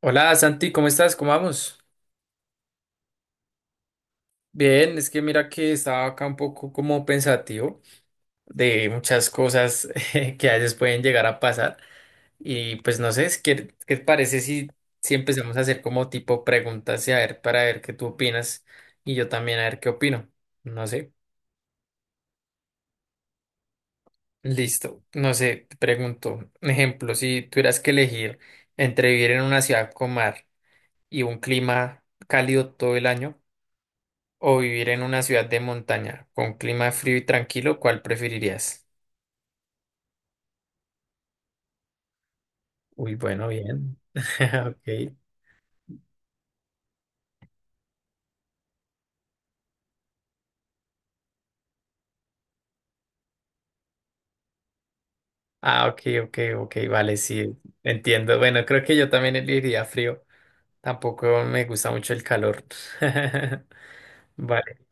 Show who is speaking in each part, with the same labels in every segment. Speaker 1: Hola Santi, ¿cómo estás? ¿Cómo vamos? Bien, es que mira que estaba acá un poco como pensativo de muchas cosas que a veces pueden llegar a pasar y pues no sé, ¿qué, te parece si empezamos a hacer como tipo preguntas y a ver para ver qué tú opinas y yo también a ver qué opino? No sé, listo, no sé, te pregunto, un ejemplo, si tuvieras que elegir entre vivir en una ciudad con mar y un clima cálido todo el año, o vivir en una ciudad de montaña con clima frío y tranquilo, ¿cuál preferirías? Uy, bueno, bien. Ok. Ah, ok, ok, ok, vale, sí, entiendo. Bueno, creo que yo también elegiría frío. Tampoco me gusta mucho el calor. Vale.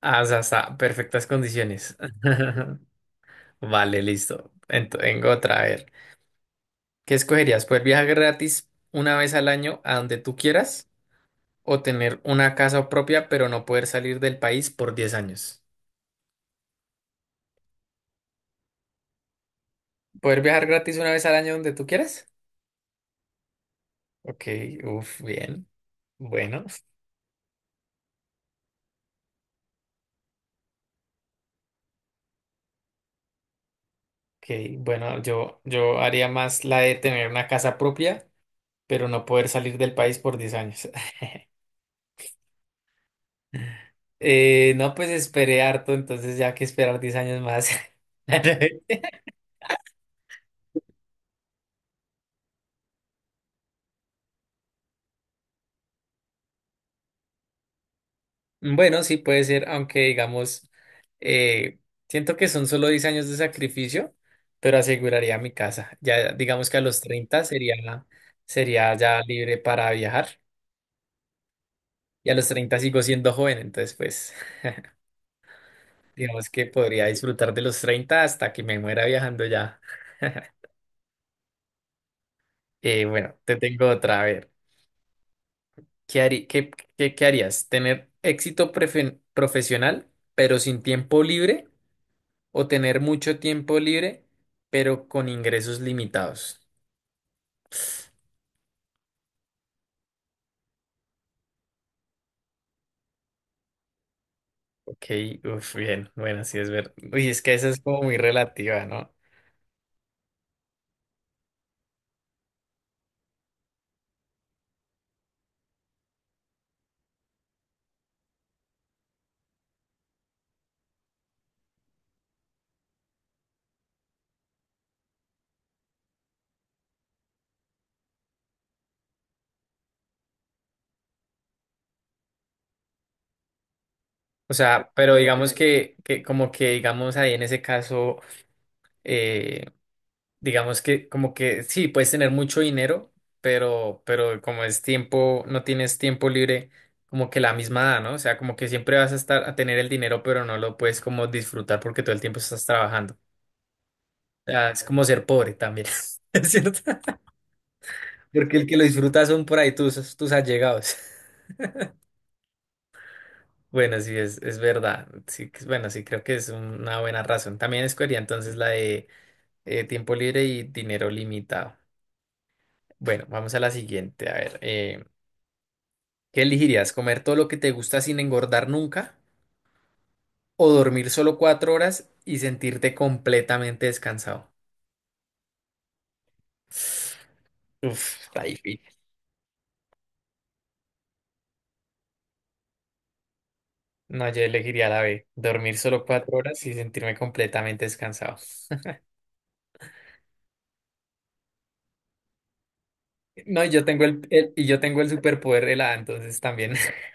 Speaker 1: Ah, o sea, está, perfectas condiciones. Vale, listo. Tengo otra, a ver. ¿Qué escogerías? ¿Poder viajar gratis una vez al año a donde tú quieras o tener una casa propia pero no poder salir del país por 10 años? ¿Poder viajar gratis una vez al año donde tú quieras? Ok, uff, bien. Bueno, ok, bueno, yo haría más la de tener una casa propia, pero no poder salir del país por 10 años. No, pues esperé harto, entonces ya que esperar 10 años más. Bueno, sí puede ser, aunque digamos, eh, siento que son solo 10 años de sacrificio, pero aseguraría mi casa. Ya digamos que a los 30 sería, sería ya libre para viajar. Y a los 30 sigo siendo joven, entonces pues digamos que podría disfrutar de los 30 hasta que me muera viajando ya. Bueno, te tengo otra, a ver, ¿qué harí- qué, qué harías? ¿Tener éxito profesional pero sin tiempo libre o tener mucho tiempo libre pero con ingresos limitados? Ok, uf, bien, bueno, sí es verdad. Uy, es que esa es como muy relativa, ¿no? O sea, pero digamos que, como que digamos ahí en ese caso eh, digamos que como que sí, puedes tener mucho dinero, pero como es tiempo, no tienes tiempo libre como que la misma edad, ¿no? O sea, como que siempre vas a estar a tener el dinero, pero no lo puedes como disfrutar porque todo el tiempo estás trabajando. O sea, es como ser pobre también, ¿es cierto? Porque el que lo disfruta son por ahí tus allegados. Bueno, sí, es verdad. Sí, bueno, sí, creo que es una buena razón. También escogería entonces la de tiempo libre y dinero limitado. Bueno, vamos a la siguiente. A ver. ¿Qué elegirías? ¿Comer todo lo que te gusta sin engordar nunca? ¿O dormir solo 4 horas y sentirte completamente descansado? Uf, está difícil. No, yo elegiría la B. Dormir solo cuatro horas y sentirme completamente descansado. No, y yo tengo el superpoder de la A, entonces también.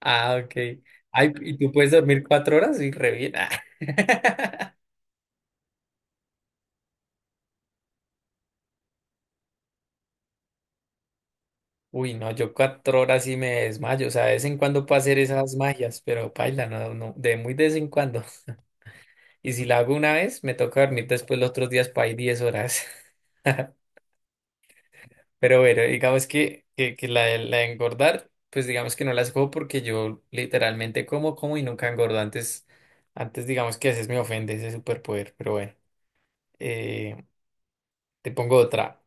Speaker 1: Ah, ok. Ay, ¿y tú puedes dormir 4 horas? Y re bien. Ah. Uy, no, yo 4 horas y me desmayo. O sea, de vez en cuando puedo hacer esas magias, pero paila, no, no, de muy de vez en cuando. Y si la hago una vez, me toca dormir después los otros días para ir 10 horas. Pero bueno, digamos que la, la de engordar, pues digamos que no las cojo porque yo literalmente como y nunca engordo. Antes digamos que a veces me ofende ese superpoder, pero bueno. Eh, Te pongo otra.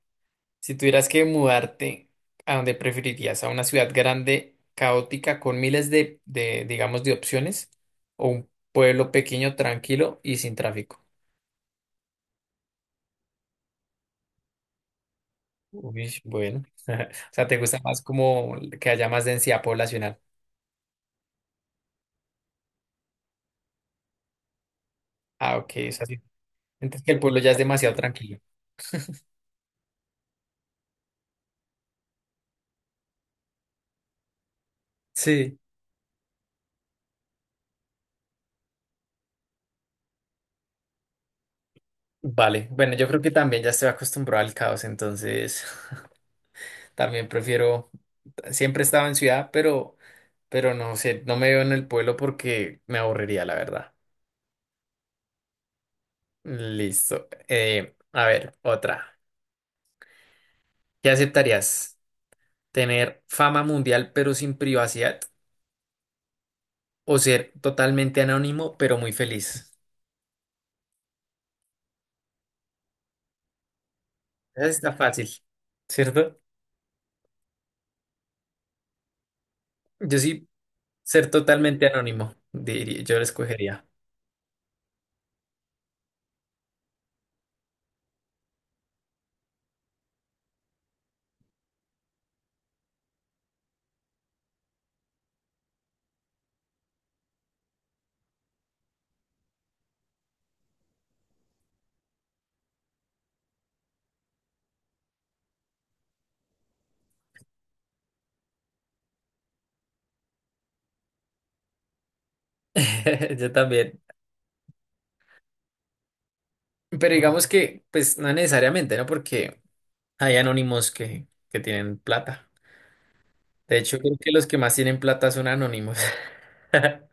Speaker 1: Si tuvieras que mudarte, ¿a dónde preferirías? ¿A una ciudad grande, caótica, con miles de digamos, de opciones? ¿O un pueblo pequeño, tranquilo y sin tráfico? Uy, bueno. O sea, ¿te gusta más como que haya más densidad poblacional? Ah, ok, es así. Entonces que el pueblo ya es demasiado tranquilo. Sí. Vale, bueno, yo creo que también ya estoy acostumbrado al caos, entonces también prefiero, siempre he estado en ciudad, pero no sé, no me veo en el pueblo porque me aburriría, la verdad. Listo. A ver, otra. ¿Qué aceptarías? ¿Tener fama mundial pero sin privacidad? ¿O ser totalmente anónimo pero muy feliz? Esa sí está fácil, ¿cierto? Yo sí, ser totalmente anónimo, diría, yo lo escogería. Yo también. Pero digamos que, pues, no necesariamente, ¿no? Porque hay anónimos que tienen plata. De hecho, creo que los que más tienen plata son anónimos.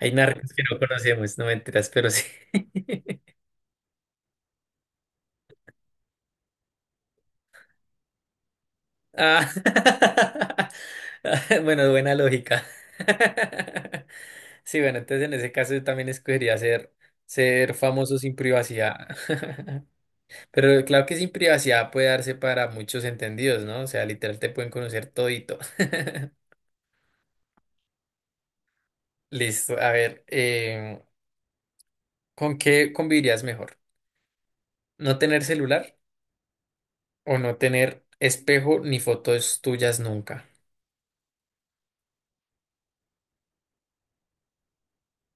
Speaker 1: Hay narcos que no conocemos, no mentiras, pero sí. Ah. Bueno, buena lógica. Sí, bueno, entonces en ese caso yo también escogería ser famoso sin privacidad. Pero claro que sin privacidad puede darse para muchos entendidos, ¿no? O sea, literal te pueden conocer todito. Listo, a ver, ¿con qué convivirías mejor? ¿No tener celular o no tener espejo ni fotos tuyas nunca?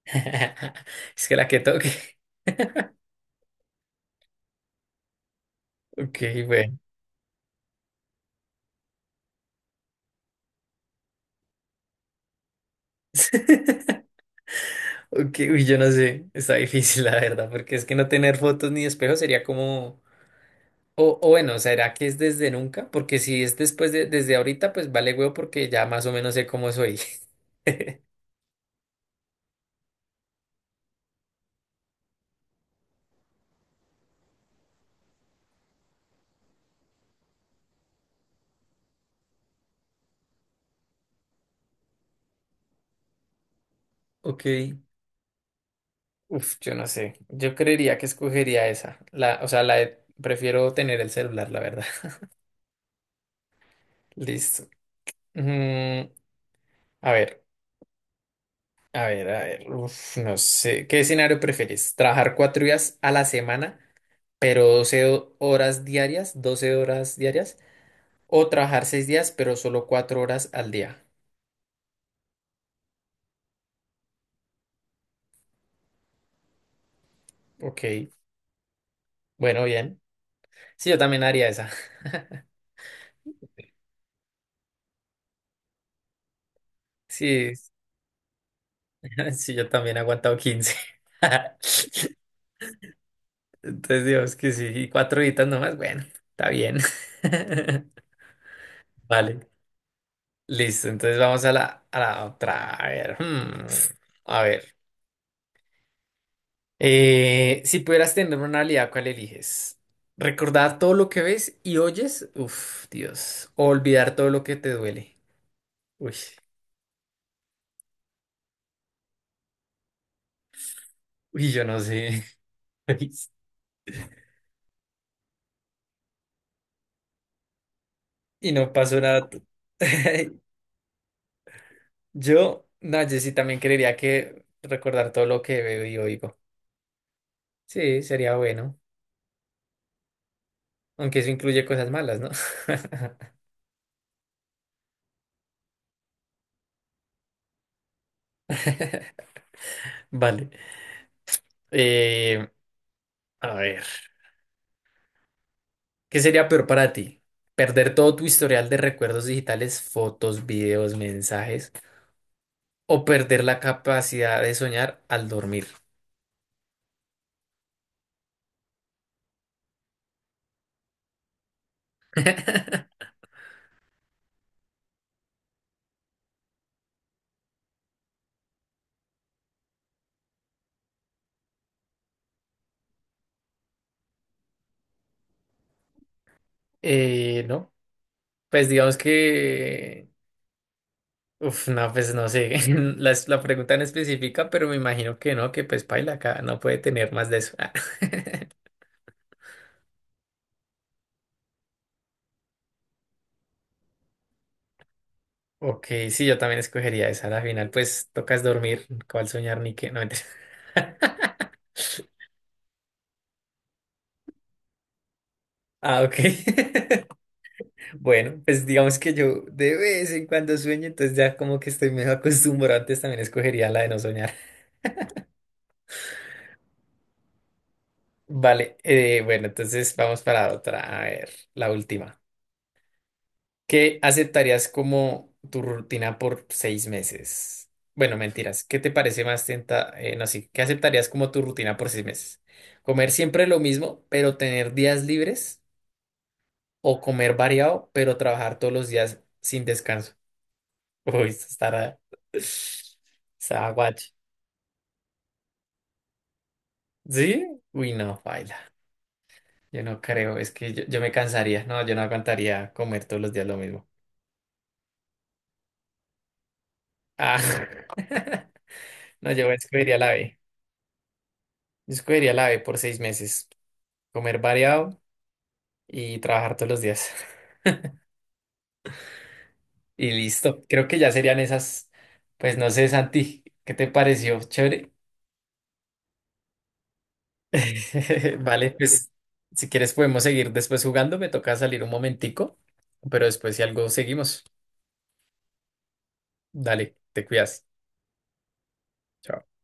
Speaker 1: Es que la que toque. Ok, bueno. Ok, uy, yo no sé, está difícil la verdad, porque es que no tener fotos ni espejo sería como o bueno, ¿será que es desde nunca? Porque si es después desde ahorita, pues vale huevo porque ya más o menos sé cómo soy. Ok. Uf, yo no sé. Yo creería que escogería esa. O sea, prefiero tener el celular, la verdad. Listo. Mm. A ver, a ver, a ver. Uf, no sé. ¿Qué escenario prefieres? ¿Trabajar 4 días a la semana, pero 12 horas diarias? ¿O trabajar 6 días, pero solo 4 horas al día? Ok. Bueno, bien. Sí, yo también haría esa. Sí, sí, yo también he aguantado 15. Entonces, Dios, que sí, y cuatro horitas nomás, bueno, está bien. Vale, listo, entonces vamos a la otra. A ver, a ver. Si pudieras tener una habilidad, ¿cuál eliges? ¿Recordar todo lo que ves y oyes? Uf, Dios. ¿O olvidar todo lo que te duele? Uy, uy, yo no sé. Y no pasó nada. Yo, no, yo sí también creería que recordar todo lo que veo y oigo. Sí, sería bueno. Aunque eso incluye cosas malas, ¿no? Vale. Eh, a ver, ¿qué sería peor para ti? ¿Perder todo tu historial de recuerdos digitales, fotos, videos, mensajes? ¿O perder la capacidad de soñar al dormir? No, pues digamos que, uf, no, pues no sé, la pregunta en específica, pero me imagino que no, que pues paila acá no puede tener más de eso. Ok, sí, yo también escogería esa. Al final, pues tocas dormir, cuál soñar ni qué. No, mentira. Ah, ok. Bueno, pues digamos que yo de vez en cuando sueño, entonces ya como que estoy medio acostumbrado. Antes también escogería la de no soñar. Vale, bueno, entonces vamos para otra. A ver, la última. ¿Qué aceptarías como tu rutina por 6 meses? Bueno, mentiras. ¿Qué te parece más tenta? No, sí. ¿Qué aceptarías como tu rutina por seis meses? ¿Comer siempre lo mismo, pero tener días libres? O comer variado, pero trabajar todos los días sin descanso. Uy, eso estará. Está guacho. ¿Sí? Uy, no, baila. Yo no creo, es que yo me cansaría. No, yo no aguantaría comer todos los días lo mismo. Ah. No, yo escogería la B. Yo escogería la B por 6 meses. Comer variado y trabajar todos los días. Y listo. Creo que ya serían esas. Pues no sé, Santi, ¿qué te pareció? Chévere. Vale, pues si quieres podemos seguir después jugando. Me toca salir un momentico, pero después si algo seguimos. Dale, te cuidas. Chao.